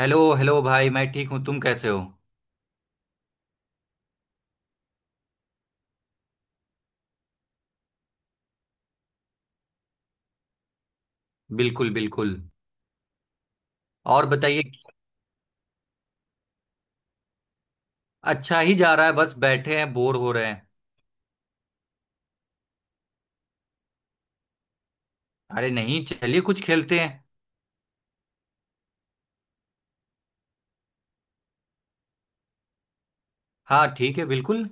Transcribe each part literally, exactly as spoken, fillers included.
Hello hello भाई, मैं ठीक हूँ। तुम कैसे हो? बिल्कुल बिल्कुल। और बताइए। अच्छा ही जा रहा है, बस बैठे हैं बोर हो रहे हैं। अरे नहीं, चलिए कुछ खेलते हैं। हाँ ठीक है, बिल्कुल।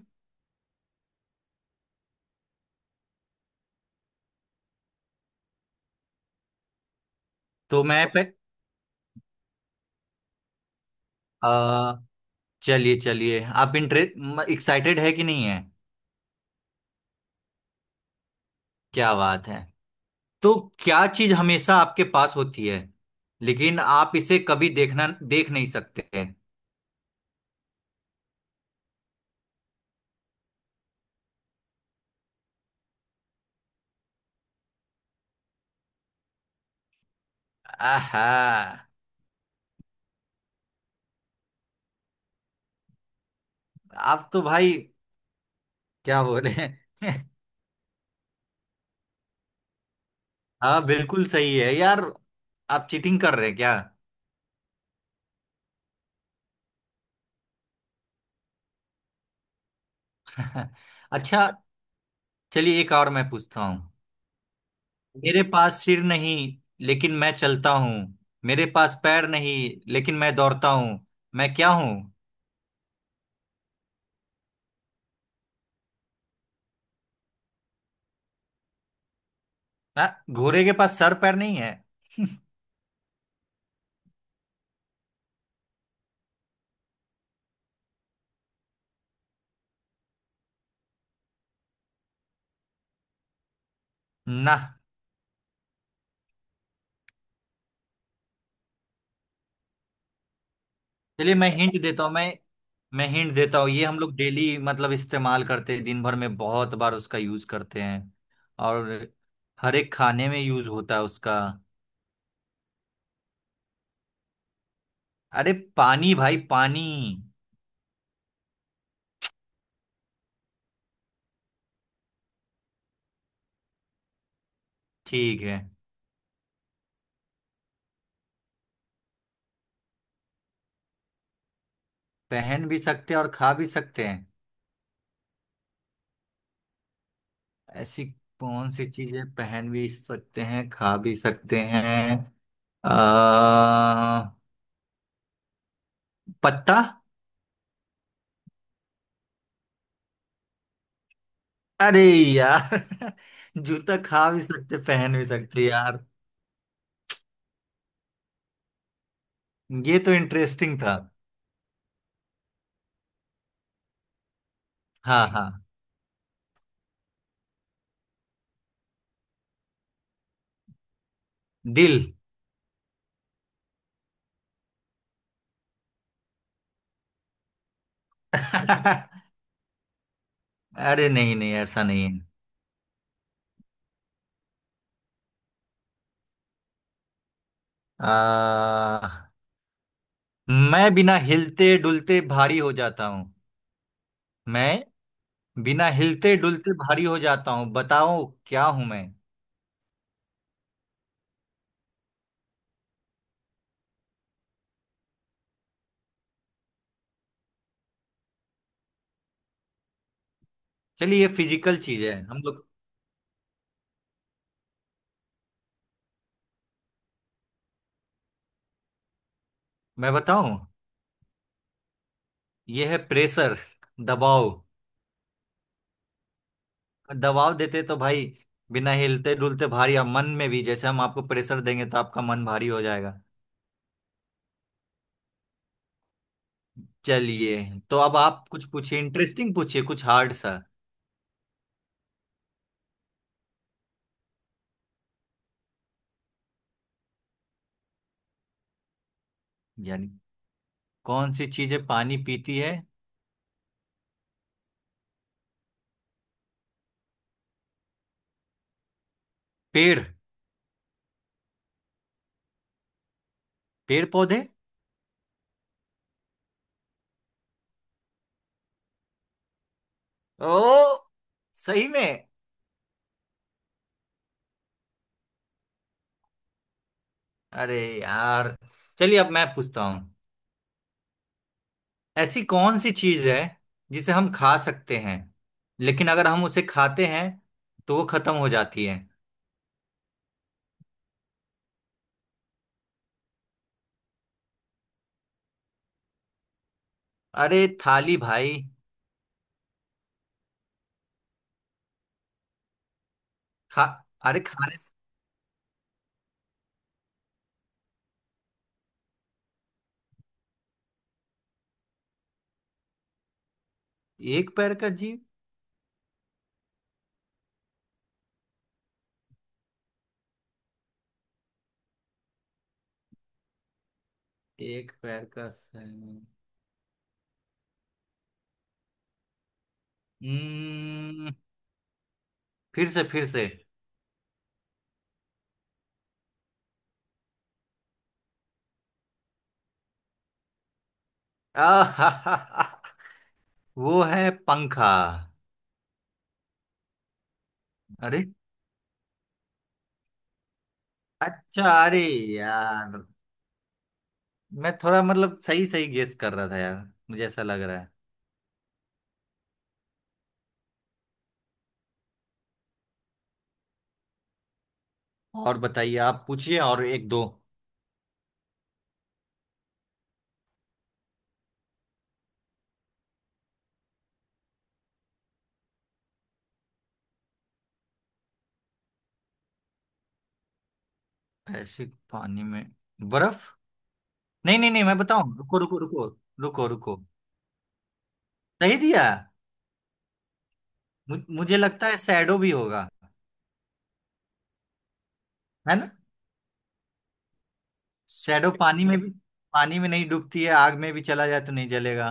तो मैं पे आ, चलिए चलिए, आप इंटरेस्ट एक्साइटेड है कि नहीं है? क्या बात है। तो क्या चीज़ हमेशा आपके पास होती है, लेकिन आप इसे कभी देखना देख नहीं सकते? आहा। आप तो भाई, क्या बोले। हाँ बिल्कुल सही है यार। आप चीटिंग कर रहे हैं क्या? अच्छा, चलिए एक और मैं पूछता हूँ। मेरे पास सिर नहीं, लेकिन मैं चलता हूँ। मेरे पास पैर नहीं, लेकिन मैं दौड़ता हूँ। मैं क्या हूँ? ना, घोड़े के पास सर पैर नहीं है? ना। चलिए मैं हिंट देता हूँ। मैं मैं हिंट देता हूँ, ये हम लोग डेली मतलब इस्तेमाल करते हैं, दिन भर में बहुत बार उसका यूज करते हैं। और हर एक खाने में यूज होता है उसका। अरे पानी भाई पानी। ठीक है। पहन भी सकते हैं और खा भी सकते हैं? ऐसी कौन सी चीजें पहन भी सकते हैं, खा भी सकते हैं? आ, पत्ता। अरे यार जूता खा भी सकते पहन भी सकते यार। ये तो इंटरेस्टिंग था। हाँ हाँ। दिल। अरे नहीं नहीं, ऐसा नहीं है। आ, मैं बिना हिलते डुलते भारी हो जाता हूँ। मैं बिना हिलते डुलते भारी हो जाता हूँ, बताओ क्या हूं मैं? चलिए, ये फिजिकल चीज है हम लोग। मैं बताऊं, ये है प्रेशर, दबाव। दबाव देते तो भाई, बिना हिलते डुलते भारी, अब मन में भी जैसे हम आपको प्रेशर देंगे तो आपका मन भारी हो जाएगा। चलिए, तो अब आप कुछ पूछिए, इंटरेस्टिंग पूछिए कुछ हार्ड सा। यानी कौन सी चीजें पानी पीती है? पेड़ पेड़ पौधे। ओ, सही में? अरे यार, चलिए अब मैं पूछता हूँ। ऐसी कौन सी चीज है जिसे हम खा सकते हैं, लेकिन अगर हम उसे खाते हैं तो वो खत्म हो जाती है? अरे थाली भाई। खा अरे खाने से। एक पैर का जीव? एक पैर का सर? हम्म, फिर से फिर से। आहाहाहा, वो है पंखा। अरे, अच्छा। अरे यार, मैं थोड़ा मतलब सही सही गेस कर रहा था यार, मुझे ऐसा लग रहा है। और बताइए, आप पूछिए और एक दो। ऐसे पानी में बर्फ। नहीं नहीं नहीं, मैं बताऊं, रुको रुको रुको। रुको रुको, सही दिया। मु, मुझे लगता है शैडो भी होगा, है ना? शैडो पानी में भी, पानी में नहीं डूबती है, आग में भी चला जाए तो नहीं जलेगा।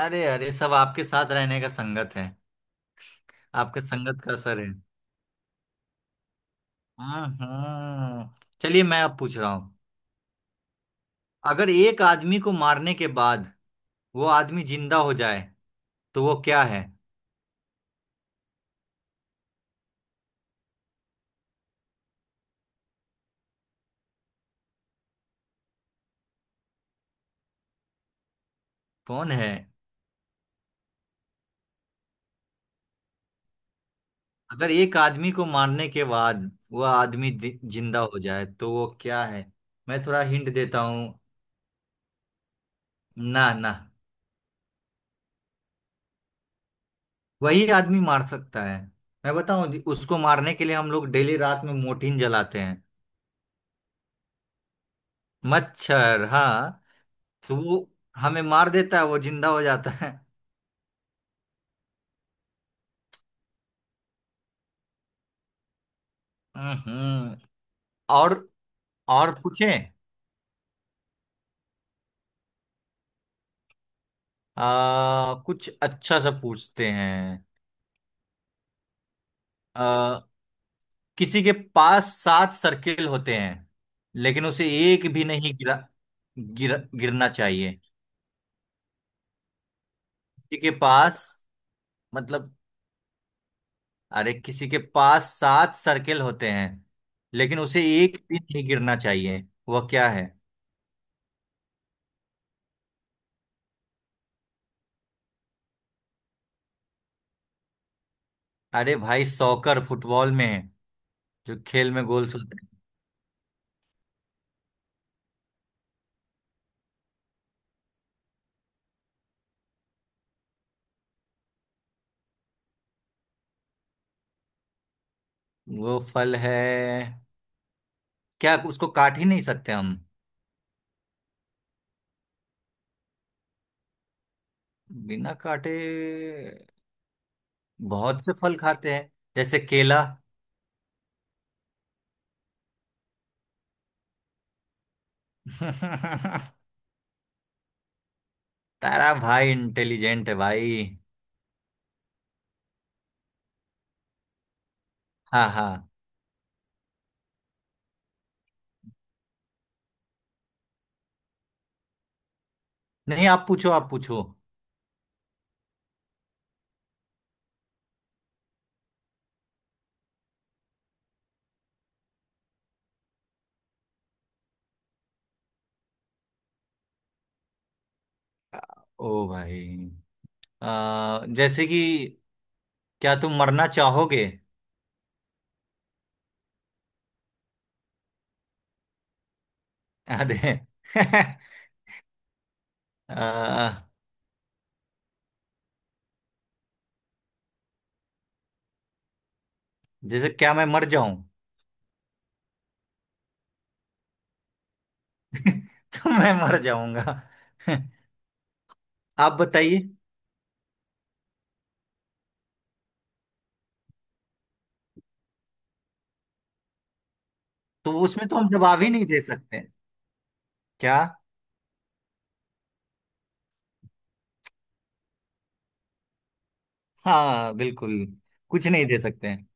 अरे अरे, सब आपके साथ रहने का संगत है। आपके संगत का असर है। हाँ हाँ। चलिए मैं अब पूछ रहा हूँ। अगर एक आदमी को मारने के बाद वो आदमी जिंदा हो जाए, तो वो क्या है? कौन है? अगर एक आदमी को मारने के बाद वह आदमी दि- जिंदा हो जाए तो वो क्या है? मैं थोड़ा हिंट देता हूँ। ना ना, वही आदमी मार सकता है। मैं बताऊं जी, उसको मारने के लिए हम लोग डेली रात में मोर्टिन जलाते हैं। मच्छर हाँ। तो वो हमें मार देता है, वो जिंदा हो जाता है। हम्म। और और पूछें। आ, कुछ अच्छा सा पूछते हैं। किसी के पास सात सर्किल होते हैं, लेकिन उसे एक भी नहीं गिरा गिर, गिरना चाहिए। किसी के पास मतलब अरे, किसी के पास सात सर्किल होते हैं लेकिन उसे एक भी नहीं गिरना चाहिए, वह क्या है? अरे भाई, सॉकर फुटबॉल में है, जो खेल में गोल्स होते हैं। वो फल है? क्या उसको काट ही नहीं सकते हम? बिना काटे बहुत से फल खाते हैं, जैसे केला। तारा भाई इंटेलिजेंट है भाई। हाँ हाँ। नहीं, आप पूछो, आप पूछो। ओ भाई, अ, जैसे कि क्या तुम मरना चाहोगे? अरे अ, जैसे क्या मैं मर जाऊं? तो मैं मर जाऊंगा। आप बताइए। तो उसमें तो हम जवाब ही नहीं दे सकते। क्या? हाँ बिल्कुल। कुछ नहीं दे सकते हैं।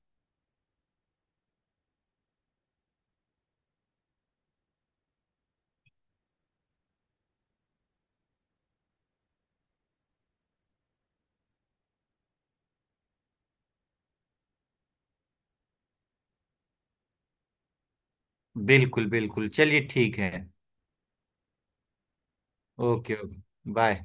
बिल्कुल बिल्कुल, चलिए ठीक है। Okay okay, bye.